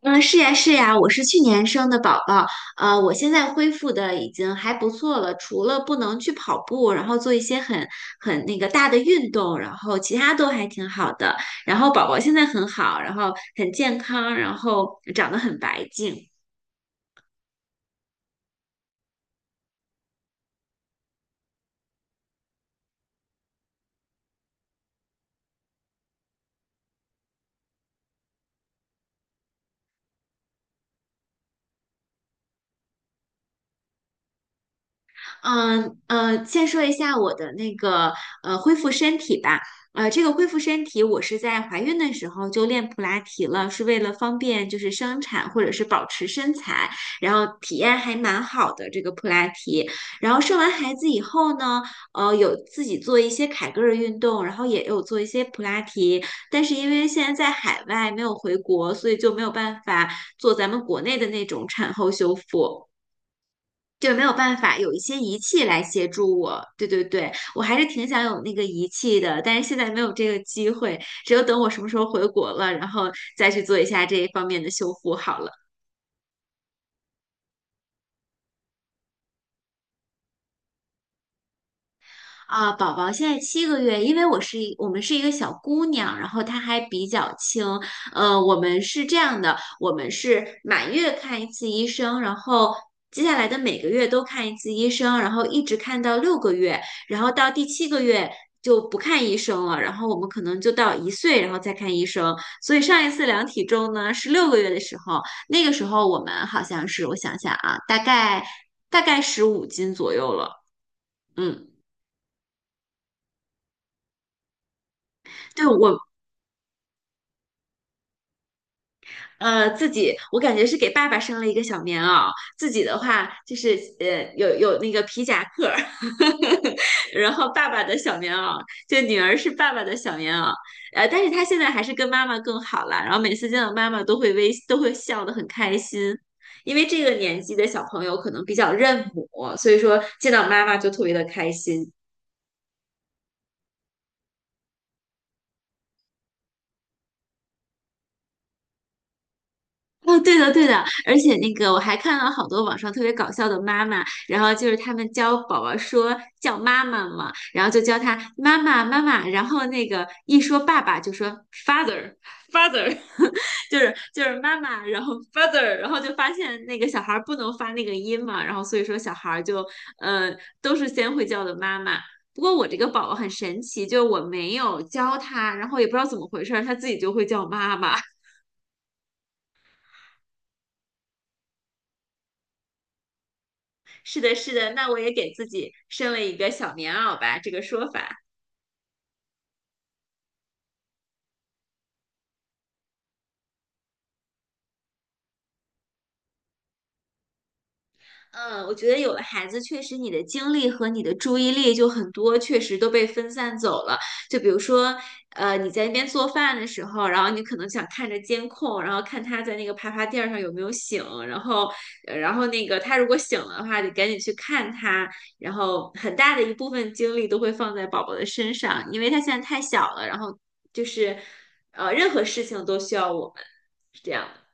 嗯，是呀，是呀，我是去年生的宝宝，我现在恢复的已经还不错了，除了不能去跑步，然后做一些很那个大的运动，然后其他都还挺好的。然后宝宝现在很好，然后很健康，然后长得很白净。先说一下我的那个恢复身体吧。这个恢复身体，我是在怀孕的时候就练普拉提了，是为了方便就是生产或者是保持身材，然后体验还蛮好的这个普拉提。然后生完孩子以后呢，有自己做一些凯格尔运动，然后也有做一些普拉提，但是因为现在在海外没有回国，所以就没有办法做咱们国内的那种产后修复。就没有办法，有一些仪器来协助我。对对对，我还是挺想有那个仪器的，但是现在没有这个机会，只有等我什么时候回国了，然后再去做一下这一方面的修复好了。啊，宝宝现在七个月，因为我们是一个小姑娘，然后她还比较轻。我们是这样的，我们是满月看一次医生，然后接下来的每个月都看一次医生，然后一直看到六个月，然后到第7个月就不看医生了，然后我们可能就到一岁，然后再看医生。所以上一次量体重呢是六个月的时候，那个时候我们好像是，我想想啊，大概15斤左右了。嗯，对，我自己我感觉是给爸爸生了一个小棉袄，自己的话就是有那个皮夹克儿，然后爸爸的小棉袄，就女儿是爸爸的小棉袄，但是她现在还是跟妈妈更好了，然后每次见到妈妈都会微都会笑得很开心，因为这个年纪的小朋友可能比较认母，所以说见到妈妈就特别的开心。哦，对的，对的，而且那个我还看到好多网上特别搞笑的妈妈，然后就是他们教宝宝说叫妈妈嘛，然后就教他妈妈妈妈，然后那个一说爸爸就说 father father，就是妈妈，然后 father，然后就发现那个小孩儿不能发那个音嘛，然后所以说小孩儿就呃都是先会叫的妈妈。不过我这个宝宝很神奇，就是我没有教他，然后也不知道怎么回事儿，他自己就会叫妈妈。是的，是的，那我也给自己生了一个小棉袄吧，这个说法。嗯，我觉得有了孩子，确实你的精力和你的注意力就很多，确实都被分散走了。就比如说，你在那边做饭的时候，然后你可能想看着监控，然后看他在那个爬爬垫儿上有没有醒，然后，然后那个他如果醒了的话，得赶紧去看他。然后很大的一部分精力都会放在宝宝的身上，因为他现在太小了，然后就是，任何事情都需要我们，是这样的。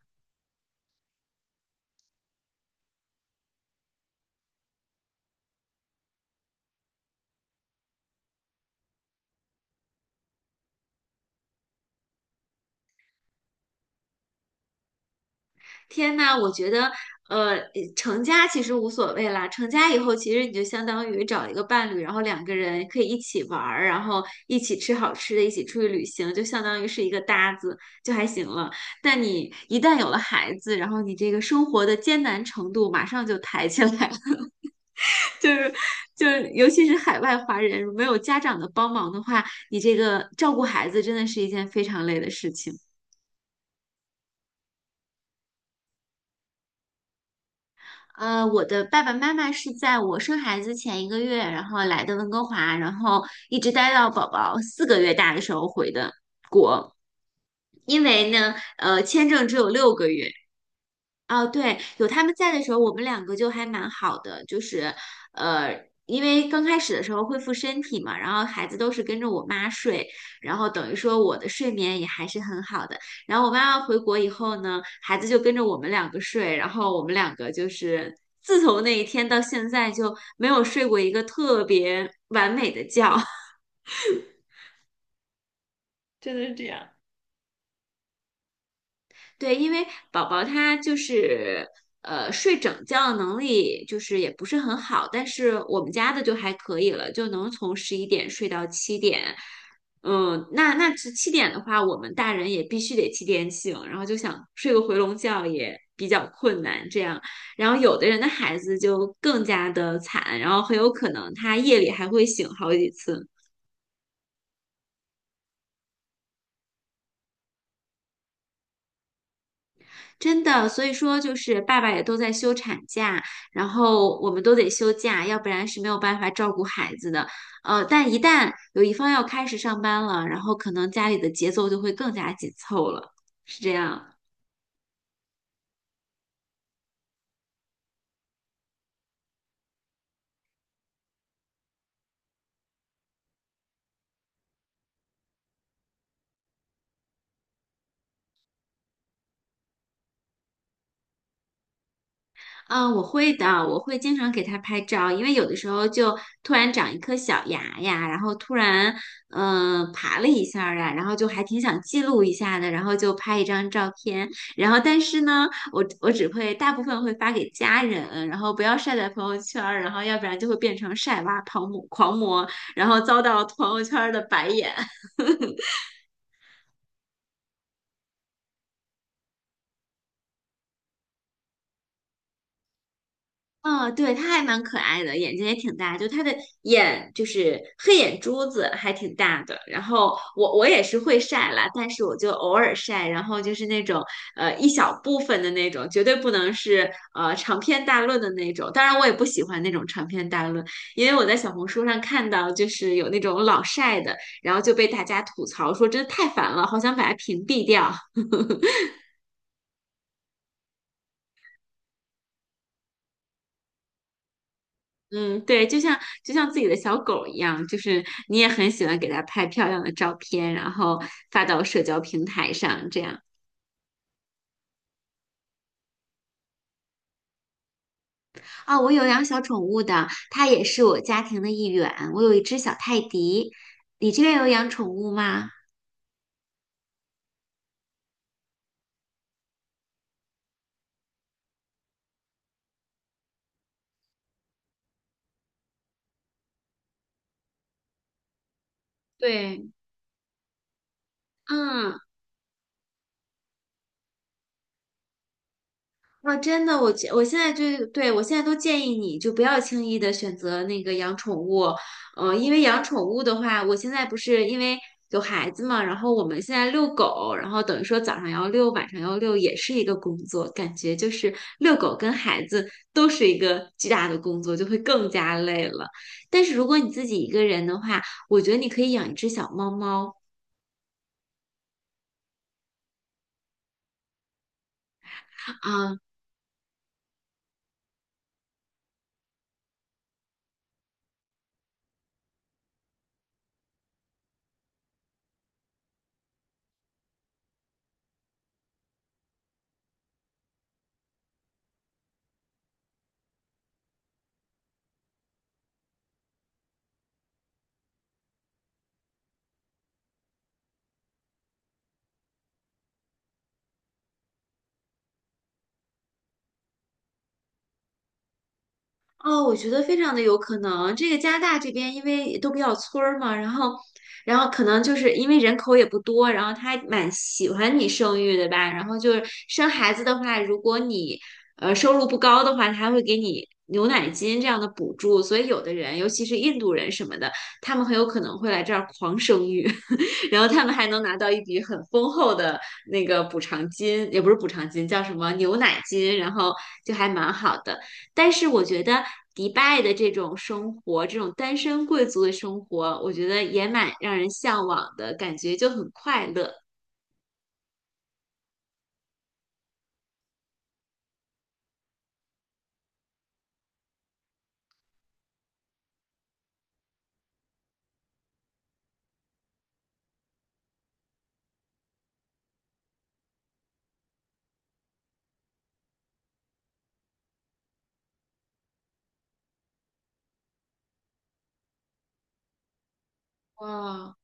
天呐，我觉得，呃，成家其实无所谓啦。成家以后，其实你就相当于找一个伴侣，然后两个人可以一起玩儿，然后一起吃好吃的，一起出去旅行，就相当于是一个搭子，就还行了。但你一旦有了孩子，然后你这个生活的艰难程度马上就抬起来了，就是就是，尤其是海外华人，没有家长的帮忙的话，你这个照顾孩子真的是一件非常累的事情。我的爸爸妈妈是在我生孩子前1个月，然后来的温哥华，然后一直待到宝宝4个月大的时候回的。因为呢，签证只有六个月，哦，对，有他们在的时候，我们两个就还蛮好的，就是，呃，因为刚开始的时候恢复身体嘛，然后孩子都是跟着我妈睡，然后等于说我的睡眠也还是很好的。然后我妈妈回国以后呢，孩子就跟着我们两个睡，然后我们两个就是自从那一天到现在就没有睡过一个特别完美的觉。真的是这样。对，因为宝宝他就是睡整觉的能力就是也不是很好，但是我们家的就还可以了，就能从11点睡到七点。嗯，那那是七点的话，我们大人也必须得七点醒，然后就想睡个回笼觉也比较困难。这样，然后有的人的孩子就更加的惨，然后很有可能他夜里还会醒好几次。真的，所以说就是爸爸也都在休产假，然后我们都得休假，要不然是没有办法照顾孩子的。但一旦有一方要开始上班了，然后可能家里的节奏就会更加紧凑了，是这样。嗯，我会的，我会经常给它拍照，因为有的时候就突然长一颗小牙呀，然后突然爬了一下呀，然后就还挺想记录一下的，然后就拍一张照片，然后但是呢，我只会大部分会发给家人，然后不要晒在朋友圈儿，然后要不然就会变成晒娃狂魔，然后遭到朋友圈儿的白眼。嗯，对，它还蛮可爱的，眼睛也挺大，就它的眼就是黑眼珠子还挺大的。然后我也是会晒啦，但是我就偶尔晒，然后就是那种一小部分的那种，绝对不能是长篇大论的那种。当然，我也不喜欢那种长篇大论，因为我在小红书上看到就是有那种老晒的，然后就被大家吐槽说真的太烦了，好想把它屏蔽掉。嗯，对，就像自己的小狗一样，就是你也很喜欢给它拍漂亮的照片，然后发到社交平台上，这样。啊，我有养小宠物的，它也是我家庭的一员。我有一只小泰迪，你这边有养宠物吗？对，嗯。啊，真的，我现在都建议你就不要轻易的选择那个养宠物，因为养宠物的话，我现在不是因为有孩子嘛，然后我们现在遛狗，然后等于说早上要遛，晚上要遛，也是一个工作，感觉就是遛狗跟孩子都是一个巨大的工作，就会更加累了。但是如果你自己一个人的话，我觉得你可以养一只小猫猫。啊，哦，我觉得非常的有可能。这个加拿大这边因为都比较村儿嘛，然后，然后可能就是因为人口也不多，然后他还蛮喜欢你生育的吧。然后就是生孩子的话，如果你收入不高的话，他还会给你牛奶金这样的补助。所以有的人，尤其是印度人什么的，他们很有可能会来这儿狂生育，然后他们还能拿到一笔很丰厚的那个补偿金，也不是补偿金，叫什么牛奶金，然后就还蛮好的。但是我觉得迪拜的这种生活，这种单身贵族的生活，我觉得也蛮让人向往的，感觉就很快乐。哇，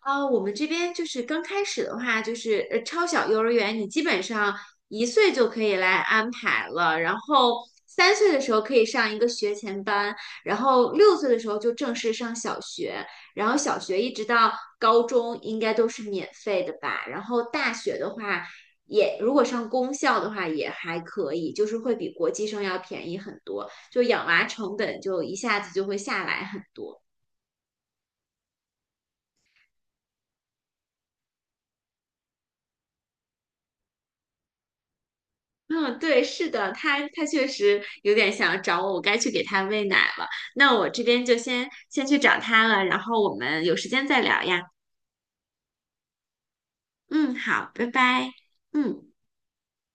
啊，我们这边就是刚开始的话，就是超小幼儿园，你基本上一岁就可以来安排了，然后3岁的时候可以上一个学前班，然后6岁的时候就正式上小学，然后小学一直到高中应该都是免费的吧，然后大学的话也如果上公校的话也还可以，就是会比国际生要便宜很多，就养娃成本就一下子就会下来很多。嗯，对，是的，他确实有点想找我，我该去给他喂奶了。那我这边就先去找他了，然后我们有时间再聊呀。嗯，好，拜拜。嗯。